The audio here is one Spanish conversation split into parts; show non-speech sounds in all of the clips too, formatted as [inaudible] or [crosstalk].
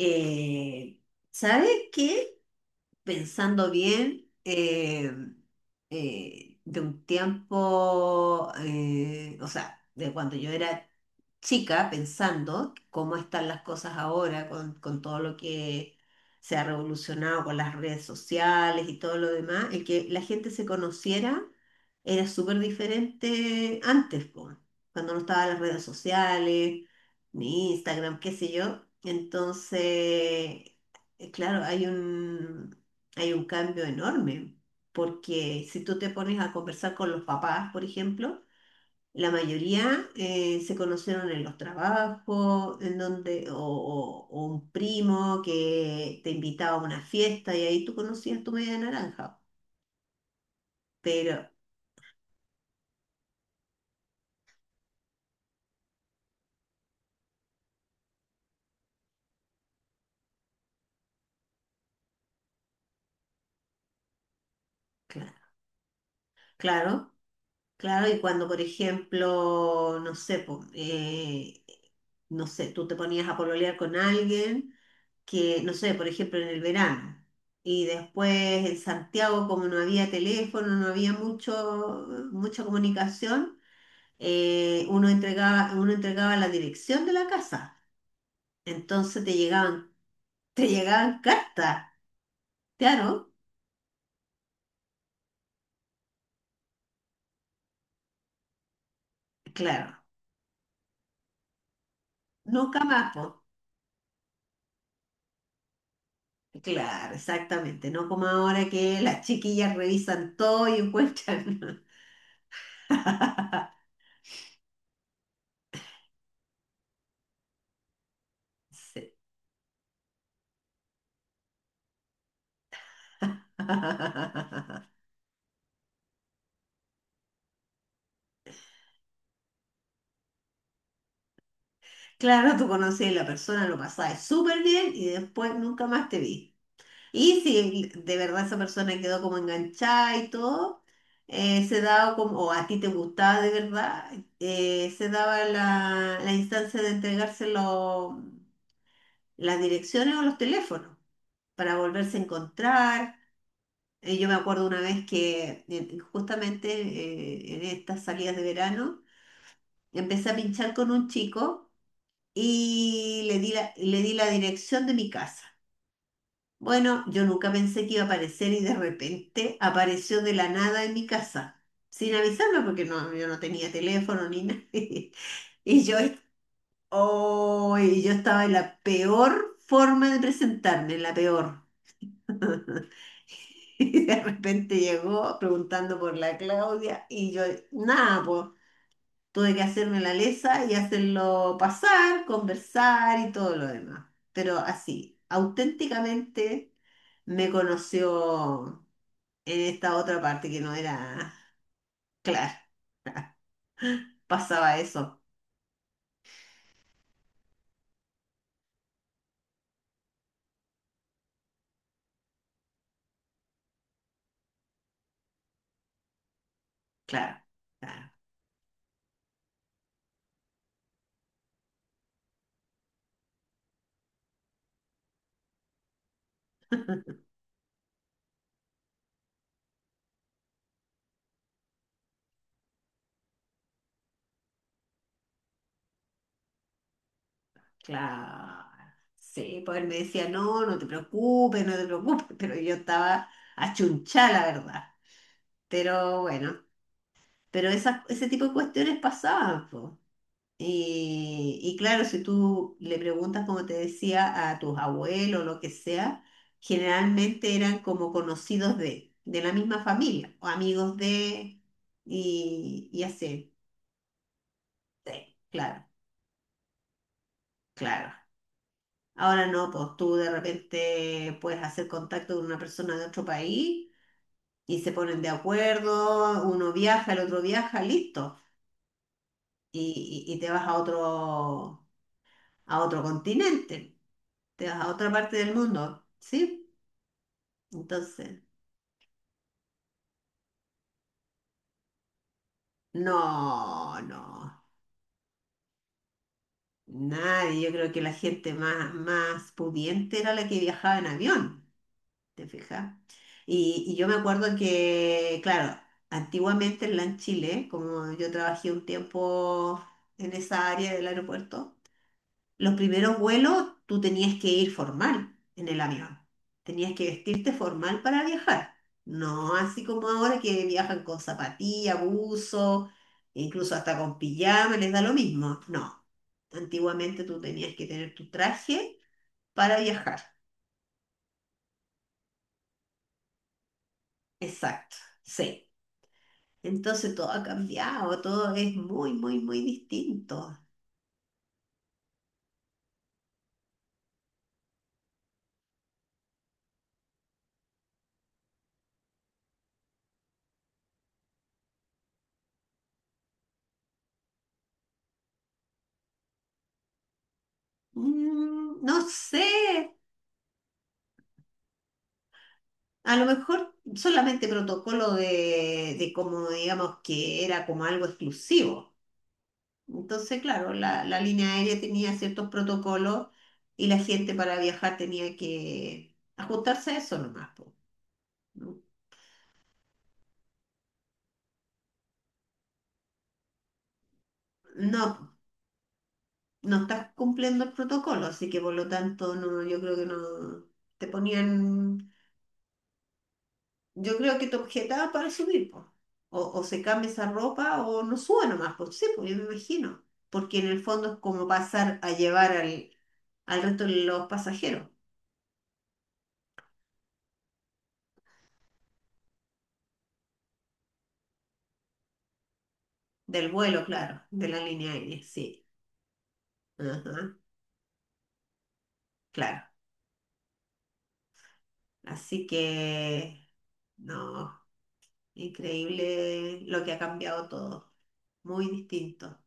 Eh, ¿Sabes qué? Pensando bien, de un tiempo, o sea, de cuando yo era chica pensando cómo están las cosas ahora con todo lo que se ha revolucionado con las redes sociales y todo lo demás, el que la gente se conociera era súper diferente antes, po, cuando no estaban las redes sociales, ni Instagram, qué sé yo. Entonces, claro, hay un cambio enorme, porque si tú te pones a conversar con los papás, por ejemplo, la mayoría se conocieron en los trabajos, en donde, o un primo que te invitaba a una fiesta y ahí tú conocías tu media naranja. Pero claro, claro, claro, y cuando, por ejemplo, no sé, po, no sé, tú te ponías a pololear con alguien que, no sé, por ejemplo, en el verano. Y después en Santiago, como no había teléfono, no había mucho, mucha comunicación, uno entregaba la dirección de la casa. Entonces te llegaban, [laughs] te llegaban cartas. Claro, claro. Nunca más, po. Claro, exactamente. No como ahora que las chiquillas revisan todo y encuentran. [laughs] Sí. [laughs] Claro, tú conocías a la persona, lo pasabas súper bien y después nunca más te vi. Y si de verdad esa persona quedó como enganchada y todo, se daba como, o a ti te gustaba de verdad, se daba la instancia de entregarse las direcciones o los teléfonos para volverse a encontrar. Yo me acuerdo una vez que justamente en estas salidas de verano empecé a pinchar con un chico y le di la dirección de mi casa. Bueno, yo nunca pensé que iba a aparecer y de repente apareció de la nada en mi casa, sin avisarme porque no, yo no tenía teléfono ni nada. [laughs] Y yo, oh, y yo estaba en la peor forma de presentarme, en la peor. [laughs] Y de repente llegó preguntando por la Claudia y yo, nada, pues tuve que hacerme la lesa y hacerlo pasar, conversar y todo lo demás. Pero así, auténticamente me conoció en esta otra parte que no era, claro, pasaba eso, claro, claro, claro. Sí, pues él me decía, no, no te preocupes, no te preocupes, pero yo estaba achunchada, la verdad. Pero bueno, pero ese tipo de cuestiones pasaban, po. Y claro, si tú le preguntas, como te decía, a tus abuelos, o lo que sea, generalmente eran como conocidos de la misma familia, o amigos de, y así. Sí, claro, claro. Ahora no, pues tú de repente puedes hacer contacto con una persona de otro país y se ponen de acuerdo, uno viaja, el otro viaja, listo. Y, y te vas a otro continente, te vas a otra parte del mundo, ¿sí? Entonces, no, no. Nadie, yo creo que la gente más, más pudiente era la que viajaba en avión. ¿Te fijas? Y yo me acuerdo que, claro, antiguamente en LAN Chile, como yo trabajé un tiempo en esa área del aeropuerto, los primeros vuelos tú tenías que ir formal en el avión. Tenías que vestirte formal para viajar. No así como ahora que viajan con zapatilla, buzo, incluso hasta con pijama, les da lo mismo. No. Antiguamente tú tenías que tener tu traje para viajar. Exacto. Sí. Entonces todo ha cambiado, todo es muy, muy, muy distinto. Mm, no sé, a lo mejor solamente protocolo de como digamos que era como algo exclusivo. Entonces, claro, la línea aérea tenía ciertos protocolos y la gente para viajar tenía que ajustarse a eso nomás, po. No, no estás cumpliendo el protocolo, así que por lo tanto no, yo creo que no te ponían, yo creo que te objetaba para subir, pues. O se cambia esa ropa o no sube nomás, pues sí, pues yo me imagino. Porque en el fondo es como pasar a llevar al, al resto de los pasajeros del vuelo, claro, de la línea aérea, sí. Ajá, claro. Así que, no, increíble lo que ha cambiado todo. Muy distinto,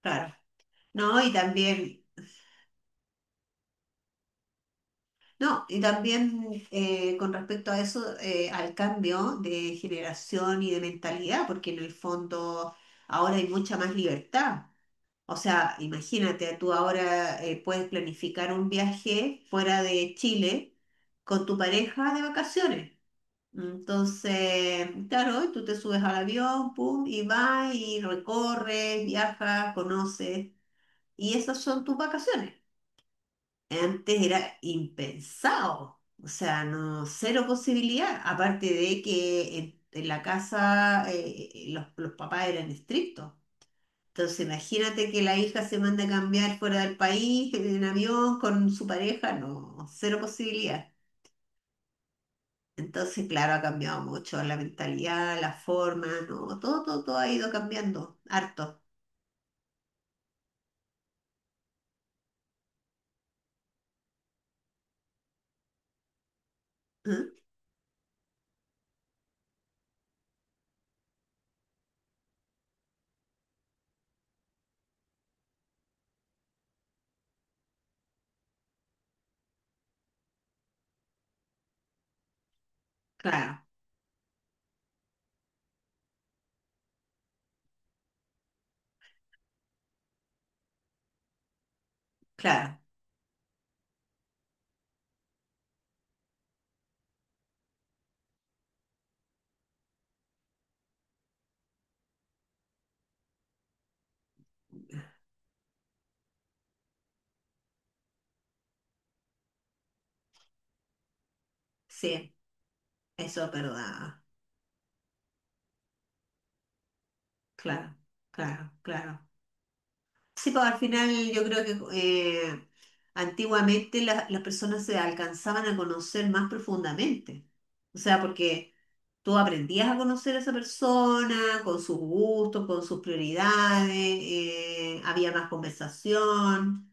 claro. No, y también. No, y también con respecto a eso, al cambio de generación y de mentalidad, porque en el fondo ahora hay mucha más libertad. O sea, imagínate, tú ahora puedes planificar un viaje fuera de Chile con tu pareja de vacaciones. Entonces, claro, tú te subes al avión, pum, y vas y recorres, viajas, conoces, y esas son tus vacaciones. Antes era impensado, o sea, no, cero posibilidad, aparte de que en la casa los papás eran estrictos. Entonces, imagínate que la hija se manda a cambiar fuera del país, en avión, con su pareja, no, cero posibilidad. Entonces, claro, ha cambiado mucho la mentalidad, la forma, no, todo, todo, todo ha ido cambiando, harto. ¿Mm? Claro, claro, sí, eso es verdad, claro, claro, claro. Sí, pues al final yo creo que antiguamente las personas se alcanzaban a conocer más profundamente. O sea, porque tú aprendías a conocer a esa persona con sus gustos, con sus prioridades, había más conversación.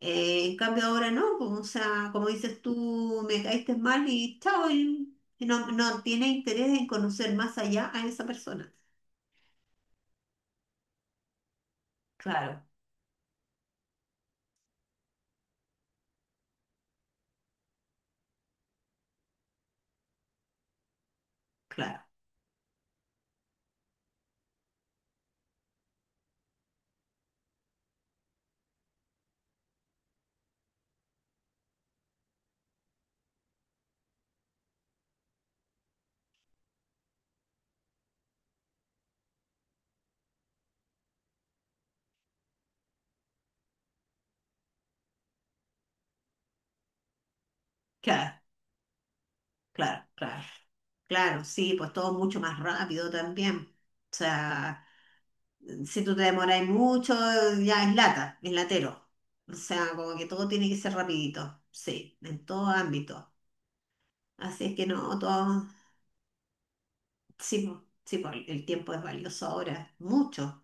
En cambio ahora no, como o sea, como dices tú, me caíste mal y chao, y no, no tienes interés en conocer más allá a esa persona. Claro, claro, claro. Claro, claro, claro, sí, pues todo mucho más rápido también. O sea, si tú te demoráis mucho, ya es lata, es latero. O sea, como que todo tiene que ser rapidito, sí, en todo ámbito. Así es que no, todo, sí, po, el tiempo es valioso ahora, mucho.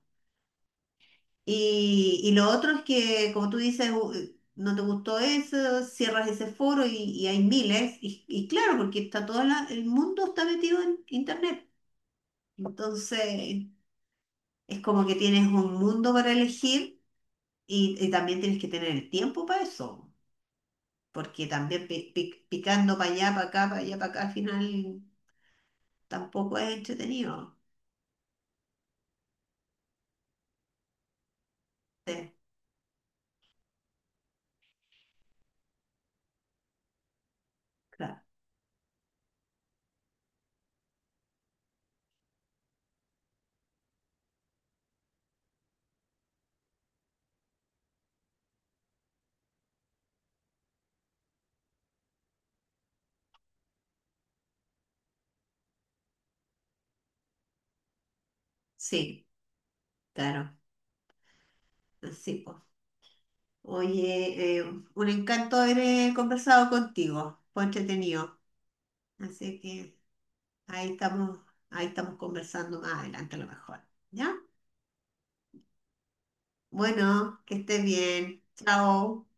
Y lo otro es que, como tú dices, no te gustó eso, cierras ese foro y hay miles. Y claro, porque está todo el mundo está metido en Internet. Entonces... Es como que tienes un mundo para elegir y también tienes que tener el tiempo para eso, porque también picando para allá, para acá, para allá, para acá, al final tampoco es entretenido. Sí, claro. Sí, claro. Sí, pues. Oye, un encanto haber conversado contigo, fue entretenido. Así que ahí estamos, ahí estamos conversando más adelante a lo mejor. ¿Ya? Bueno, que estés bien. Chao.